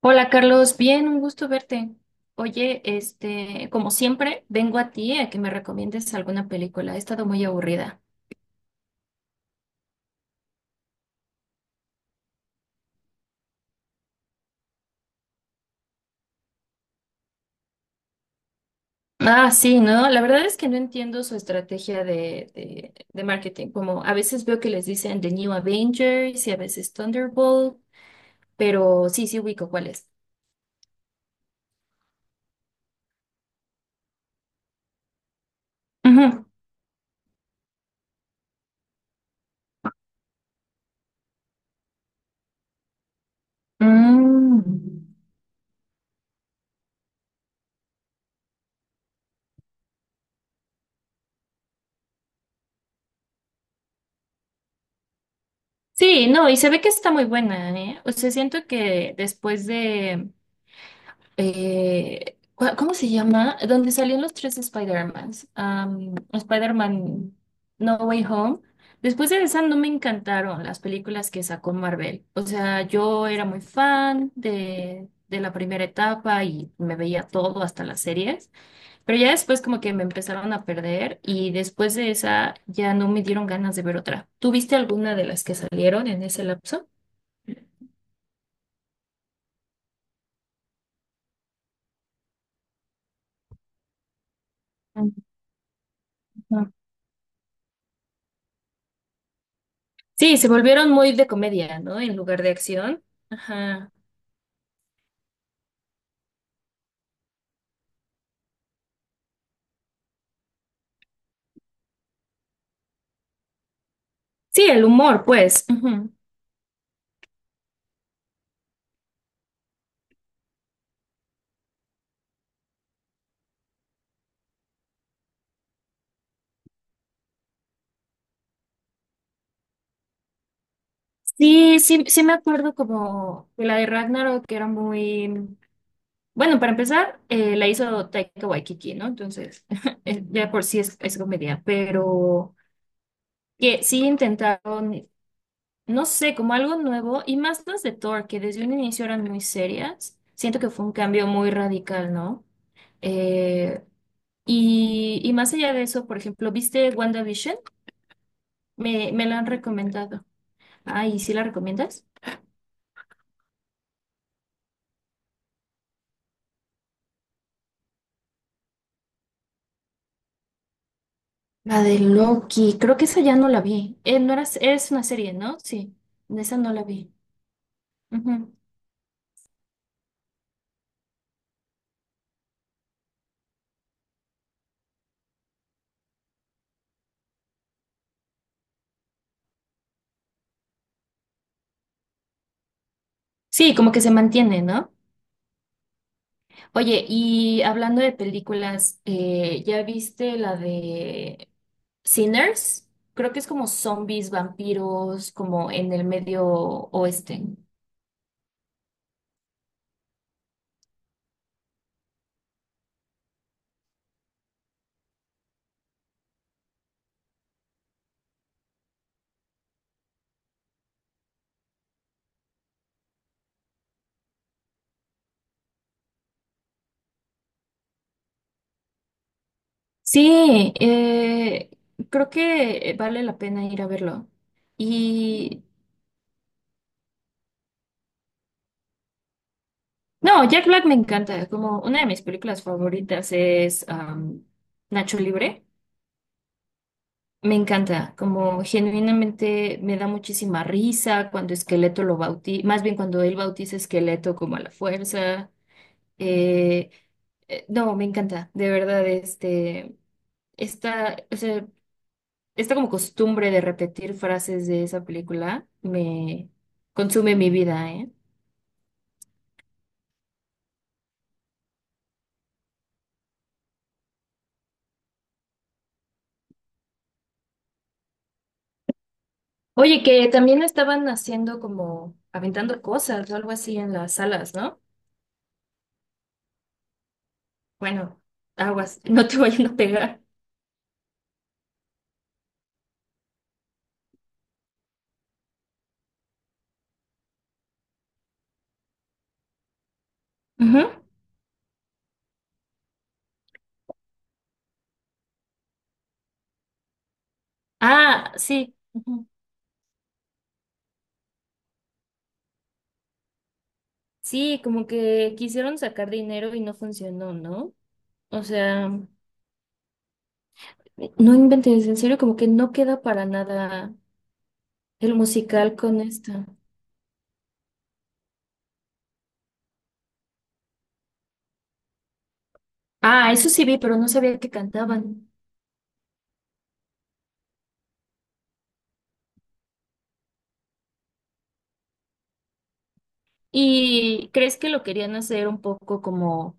Hola Carlos, bien, un gusto verte. Oye, como siempre, vengo a ti a que me recomiendes alguna película. He estado muy aburrida. Ah, sí, ¿no? La verdad es que no entiendo su estrategia de marketing. Como a veces veo que les dicen The New Avengers y a veces Thunderbolt, pero sí, sí ubico cuál es. Ujú. Mm. Sí, no, y se ve que está muy buena, ¿eh? O sea, siento que después de ¿cómo se llama? Donde salían los tres Spider-Mans. Spider-Man No Way Home. Después de esa no me encantaron las películas que sacó Marvel. O sea, yo era muy fan de la primera etapa y me veía todo, hasta las series. Pero ya después como que me empezaron a perder y después de esa ya no me dieron ganas de ver otra. ¿Tuviste alguna de las que salieron en ese lapso? Ujú. Sí, se volvieron muy de comedia, ¿no? En lugar de acción. Ajá. Sí, el humor, pues. Ujú. Sí, sí, sí me acuerdo como de la de Ragnarok, que era muy... Bueno, para empezar, la hizo Taika Waititi, ¿no? Entonces, ya por sí es comedia, pero que sí intentaron, no sé, como algo nuevo, y más las de Thor, que desde un inicio eran muy serias. Siento que fue un cambio muy radical, ¿no? Eh, y más allá de eso, por ejemplo, ¿viste WandaVision? Me la han recomendado. Ay, ¿sí la recomiendas? La de Loki, creo que esa ya no la vi. No era, es una serie, ¿no? Sí, de esa no la vi. Ujú. Sí, como que se mantiene, ¿no? Oye, y hablando de películas, ¿ya viste la de Sinners? Creo que es como zombies, vampiros, como en el medio oeste. Sí, creo que vale la pena ir a verlo. Y No, Jack Black me encanta. Como una de mis películas favoritas es Nacho Libre. Me encanta. Como genuinamente me da muchísima risa cuando Esqueleto lo bautiza, más bien cuando él bautiza a Esqueleto como a la fuerza. Eh, no, me encanta. De verdad, o sea, esta como costumbre de repetir frases de esa película me consume mi vida, ¿eh? Oye, que también estaban haciendo como aventando cosas o algo así en las salas, ¿no? Bueno, aguas, no te vayan a pegar. Ujú. Ah, sí. Ujú. Sí, como que quisieron sacar dinero y no funcionó, ¿no? O sea, no inventes, en serio, como que no queda para nada el musical con esta. Ah, eso sí vi, pero no sabía que cantaban. ¿Y crees que lo querían hacer un poco como...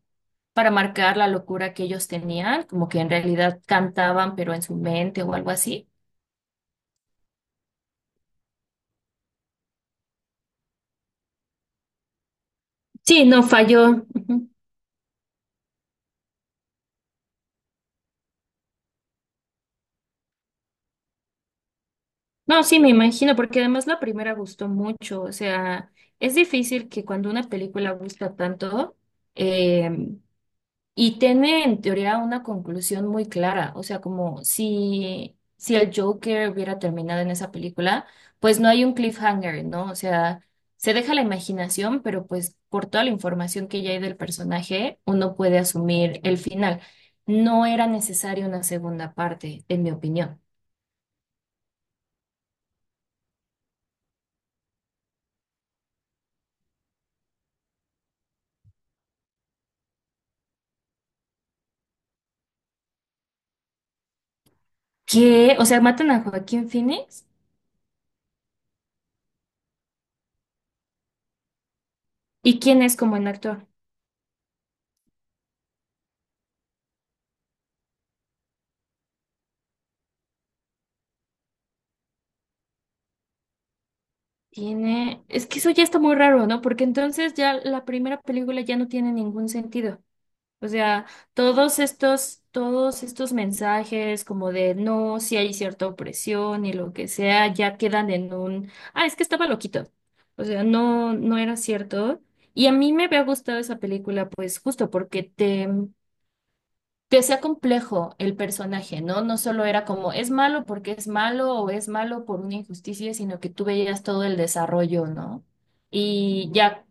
para marcar la locura que ellos tenían, como que en realidad cantaban, pero en su mente o algo así? Sí, no falló. Ujú. No, sí, me imagino, porque además la primera gustó mucho. O sea, es difícil que cuando una película gusta tanto, eh, Y tiene en teoría una conclusión muy clara, o sea, como si el Joker hubiera terminado en esa película, pues no hay un cliffhanger, ¿no? O sea, se deja la imaginación, pero pues por toda la información que ya hay del personaje, uno puede asumir el final. No era necesaria una segunda parte, en mi opinión. Que, o sea, matan a Joaquín Phoenix, ¿y quién es como en actor? Tiene, es que eso ya está muy raro, ¿no? Porque entonces ya la primera película ya no tiene ningún sentido. O sea, todos estos mensajes como de no, si hay cierta opresión y lo que sea, ya quedan en un, ah, es que estaba loquito. O sea, no, no era cierto. Y a mí me había gustado esa película, pues justo porque te hacía complejo el personaje, ¿no? No solo era como es malo porque es malo o es malo por una injusticia, sino que tú veías todo el desarrollo, ¿no? Y ya.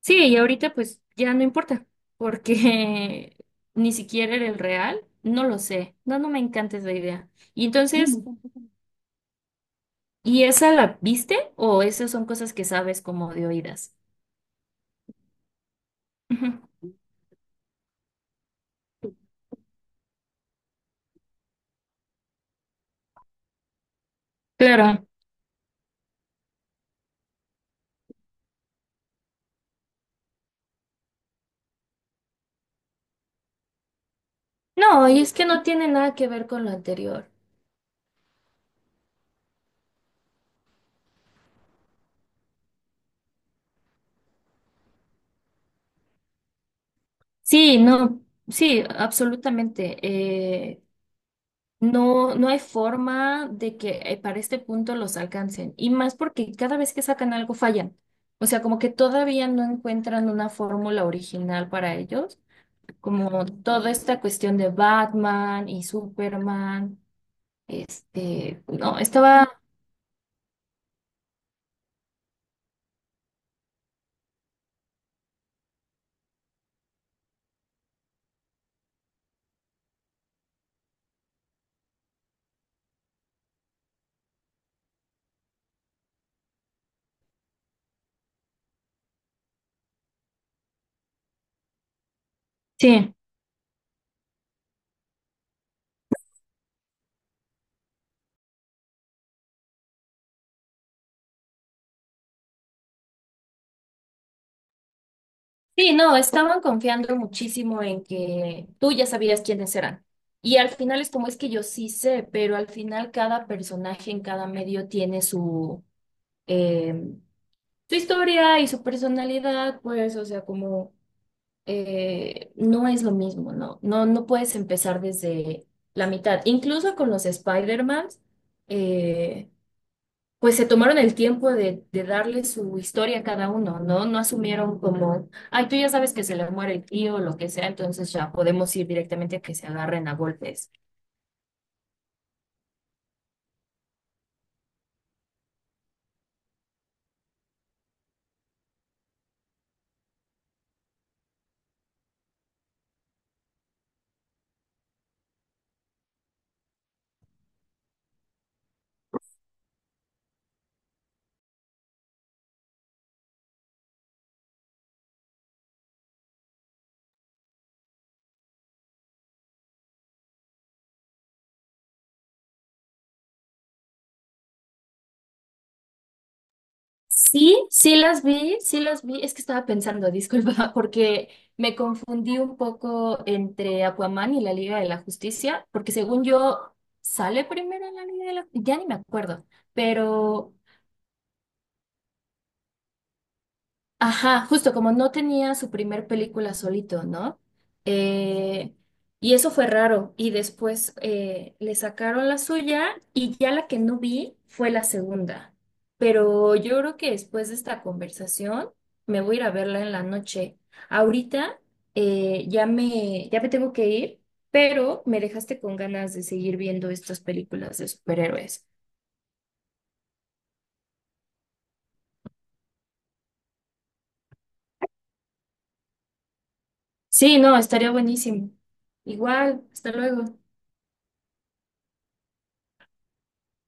Sí, y ahorita pues ya no importa, porque ni siquiera era el real, no lo sé, no, no me encanta esa idea. Mm. ¿Y esa la viste o esas son cosas que sabes como de oídas? Ujú. Claro. No, y es que no tiene nada que ver con lo anterior. Sí, no, sí, absolutamente. No, no hay forma de que para este punto los alcancen. Y más porque cada vez que sacan algo fallan. O sea, como que todavía no encuentran una fórmula original para ellos. Como toda esta cuestión de Batman y Superman. No, sí, sí, no, estaban confiando muchísimo en que tú ya sabías quiénes eran. Y al final es como es que yo sí sé, pero al final cada personaje en cada medio tiene su... em, su historia y su personalidad, pues, o sea, como no es lo mismo, ¿no? No, no puedes empezar desde la mitad. Incluso con los Spider-Man, eh, pues se tomaron el tiempo de darle su historia a cada uno, ¿no? No asumieron como, ay, tú ya sabes que se le muere el tío o lo que sea, entonces ya podemos ir directamente a que se agarren a golpes. Sí, sí las vi, sí las vi. Es que estaba pensando, disculpa, porque me confundí un poco entre Aquaman y la Liga de la Justicia, porque según yo, sale primero la Liga de la... Ya ni me acuerdo, pero ajá, justo como no tenía su primer película solito, ¿no? Eh, y eso fue raro. Y después le sacaron la suya y ya la que no vi fue la segunda. Pero yo creo que después de esta conversación me voy a ir a verla en la noche. Ahorita ya me tengo que ir, pero me dejaste con ganas de seguir viendo estas películas de superhéroes. Sí, no, estaría buenísimo. Igual, hasta luego.